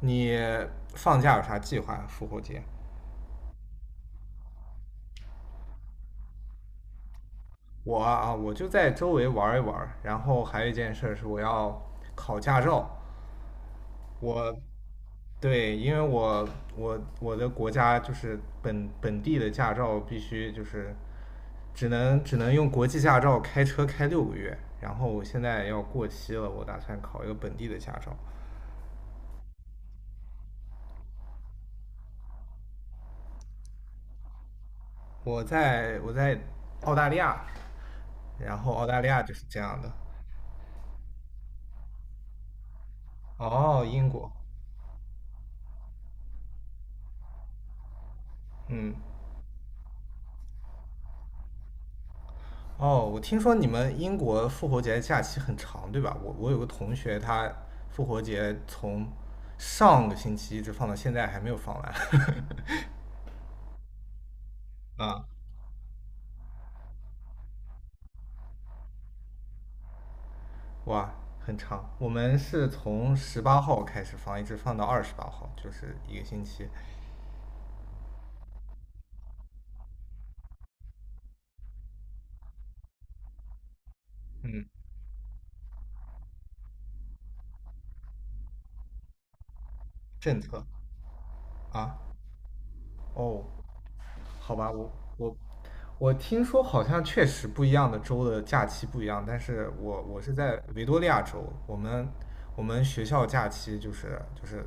你放假有啥计划？复活节？我就在周围玩一玩，然后还有一件事是我要考驾照。我，对，因为我我的国家就是本地的驾照必须就是只能用国际驾照开车开6个月，然后我现在要过期了，我打算考一个本地的驾照。我在澳大利亚，然后澳大利亚就是这样的。哦，英国，嗯。哦，我听说你们英国复活节假期很长，对吧？我有个同学，他复活节从上个星期一直放到现在，还没有放完。啊，哇，很长。我们是从十八号开始放，一直放到28号，就是一个星期。嗯，政策啊，哦，好吧，我我听说好像确实不一样的州的假期不一样，但是我是在维多利亚州，我们学校假期就是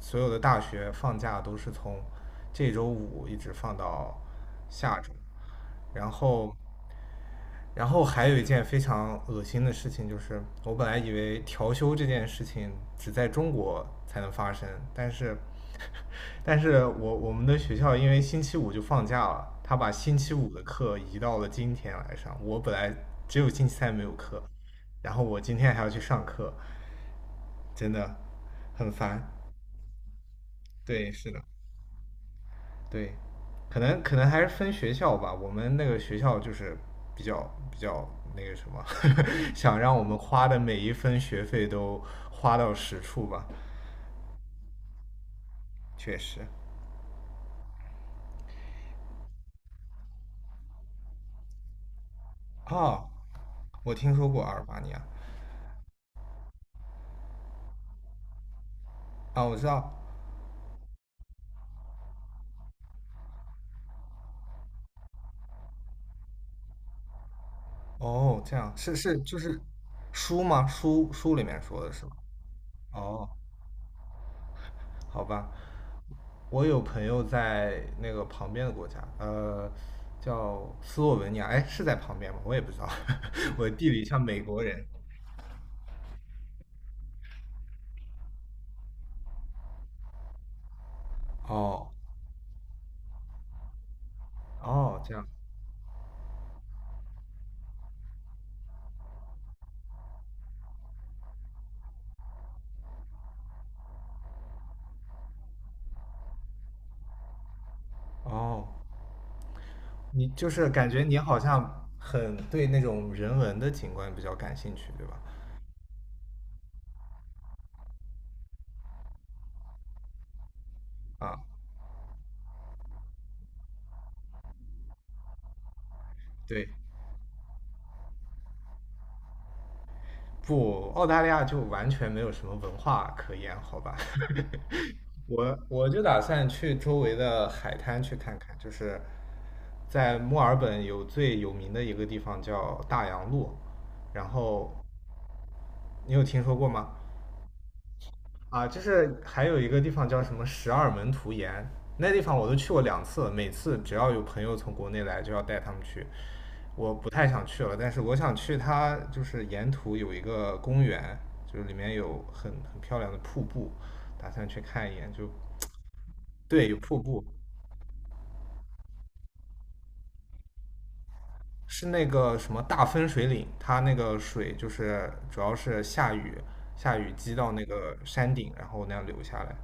所有的大学放假都是从这周五一直放到下周，然后然后还有一件非常恶心的事情，就是我本来以为调休这件事情只在中国才能发生，但是，但是我们的学校因为星期五就放假了，他把星期五的课移到了今天来上。我本来只有星期三没有课，然后我今天还要去上课，真的很烦。对，是的。对，可能还是分学校吧。我们那个学校就是比较比较那个什么，想让我们花的每一分学费都花到实处吧。确实，哦，我听说过阿尔巴尼亚。啊，我知道。哦，这样是是就是书吗？书里面说的是吗？哦，好吧，我有朋友在那个旁边的国家，叫斯洛文尼亚，哎，是在旁边吗？我也不知道，我地理像美国人。哦，哦，这样，哦，你就是感觉你好像很对那种人文的景观比较感兴趣，对吧？啊，对，不，澳大利亚就完全没有什么文化可言，好吧？我就打算去周围的海滩去看看，就是在墨尔本有最有名的一个地方叫大洋路，然后你有听说过吗？啊，就是还有一个地方叫什么十二门徒岩，那地方我都去过2次，每次只要有朋友从国内来，就要带他们去。我不太想去了，但是我想去它，就是沿途有一个公园，就是里面有很漂亮的瀑布，打算去看一眼。就对，有瀑布，是那个什么大分水岭，它那个水就是主要是下雨，下雨积到那个山顶，然后那样流下来。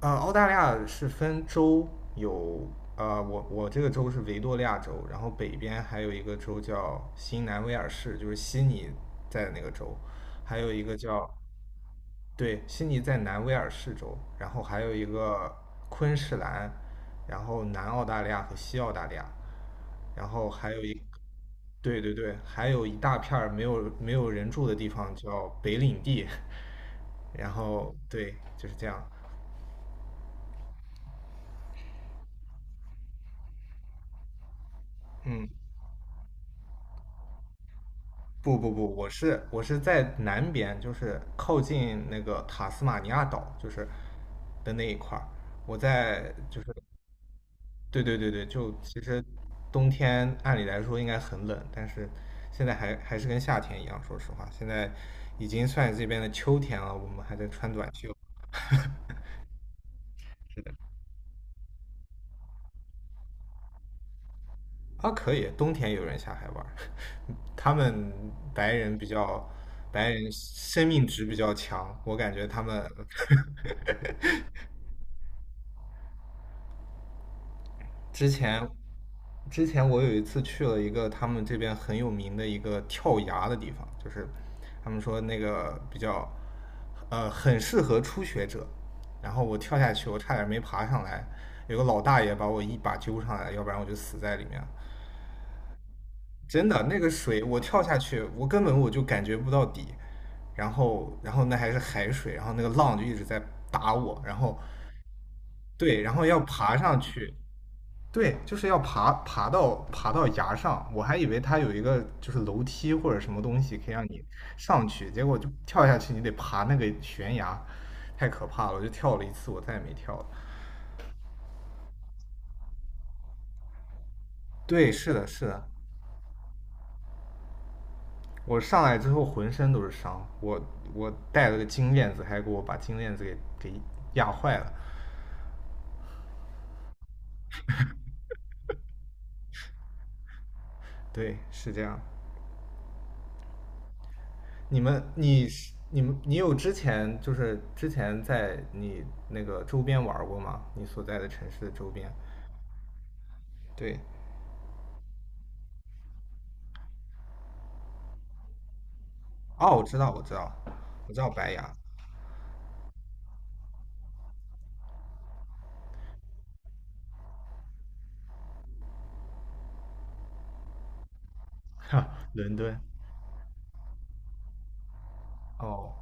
澳大利亚是分州有，我这个州是维多利亚州，然后北边还有一个州叫新南威尔士，就是悉尼在的那个州，还有一个叫，对，悉尼在南威尔士州，然后还有一个昆士兰，然后南澳大利亚和西澳大利亚，然后还有一，对对对，还有一大片儿没有人住的地方叫北领地，然后对，就是这样，嗯。不不不，我是在南边，就是靠近那个塔斯马尼亚岛，就是的那一块儿。我在就是对对对对，就其实冬天按理来说应该很冷，但是现在还是跟夏天一样。说实话，现在已经算这边的秋天了，我们还在穿短袖。啊，可以，冬天有人下海玩儿，他们白人比较，白人生命值比较强，我感觉他们。 之前之前我有一次去了一个他们这边很有名的一个跳崖的地方，就是他们说那个比较很适合初学者。然后我跳下去，我差点没爬上来，有个老大爷把我一把揪上来，要不然我就死在里面了。真的，那个水我跳下去，我根本就感觉不到底。然后那还是海水，然后那个浪就一直在打我，然后对，然后要爬上去，对，就是要爬到崖上，我还以为它有一个就是楼梯或者什么东西可以让你上去，结果就跳下去，你得爬那个悬崖，太可怕了！我就跳了一次，我再也没跳了。对，是的，是的，我上来之后浑身都是伤，我带了个金链子，还给我把金链子给压坏了。对，是这样。你们，你是你们，你有之前就是之前在你那个周边玩过吗？你所在的城市的周边？对，哦，我知道，我知道，我知道白牙。哈，伦敦。哦，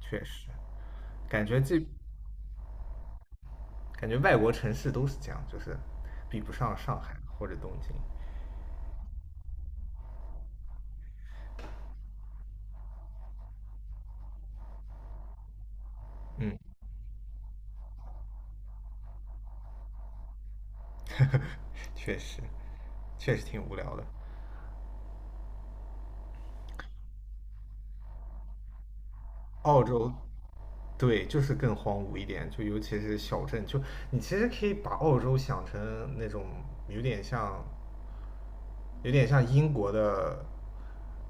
确实，感觉这感觉外国城市都是这样，就是比不上上海或者东京。嗯，确实，确实挺无聊的。澳洲，对，就是更荒芜一点，就尤其是小镇，就你其实可以把澳洲想成那种有点像有点像英国的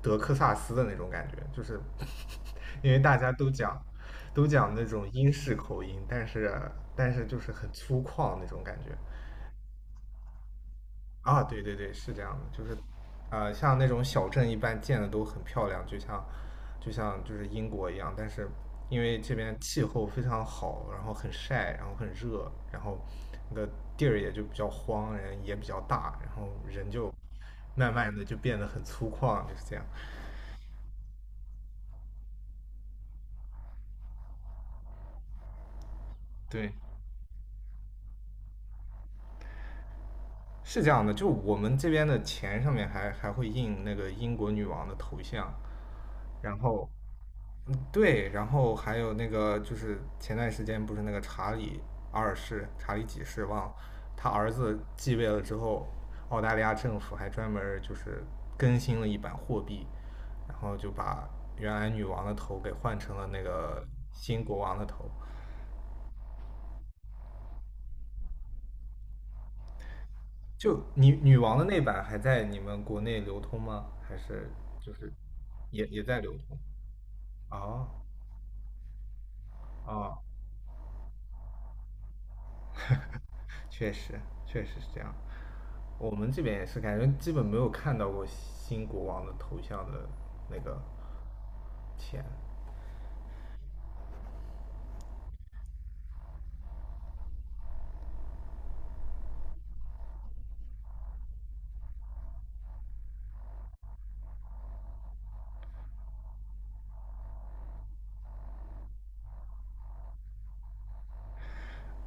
德克萨斯的那种感觉，就是 因为大家都讲那种英式口音，但是就是很粗犷那种感觉。啊，对对对，是这样的，就是，像那种小镇一般建的都很漂亮，就像，就像就是英国一样，但是因为这边气候非常好，然后很晒，然后很热，然后那个地儿也就比较荒，人也比较大，然后人就慢慢的就变得很粗犷，就是这样。对，是这样的，就我们这边的钱上面还会印那个英国女王的头像，然后对，然后还有那个就是前段时间不是那个查理二世、查理几世忘了，他儿子继位了之后，澳大利亚政府还专门儿就是更新了一版货币，然后就把原来女王的头给换成了那个新国王的头。就女王的那版还在你们国内流通吗？还是就是也在流通？哦，啊。哦，确实，确实是这样。我们这边也是，感觉基本没有看到过新国王的头像的那个天，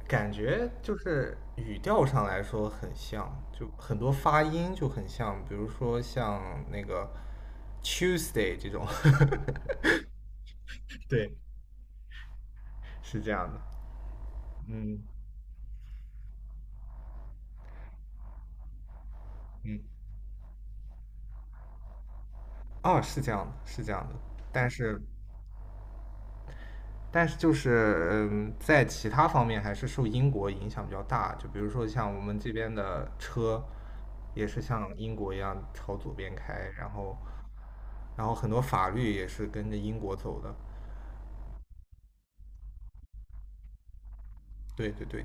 感觉就是语调上来说很像，就很多发音就很像，比如说像那个 Tuesday 这种，对，是这样的，嗯嗯，哦，是这样的，是这样的，但是但是就是在其他方面还是受英国影响比较大，就比如说像我们这边的车，也是像英国一样朝左边开，然后很多法律也是跟着英国走的。对对对，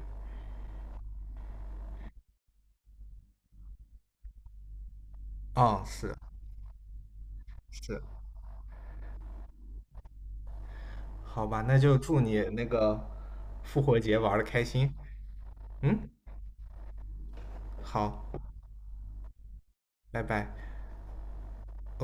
嗯，是是，好吧，那就祝你那个复活节玩的开心。嗯，好，拜拜。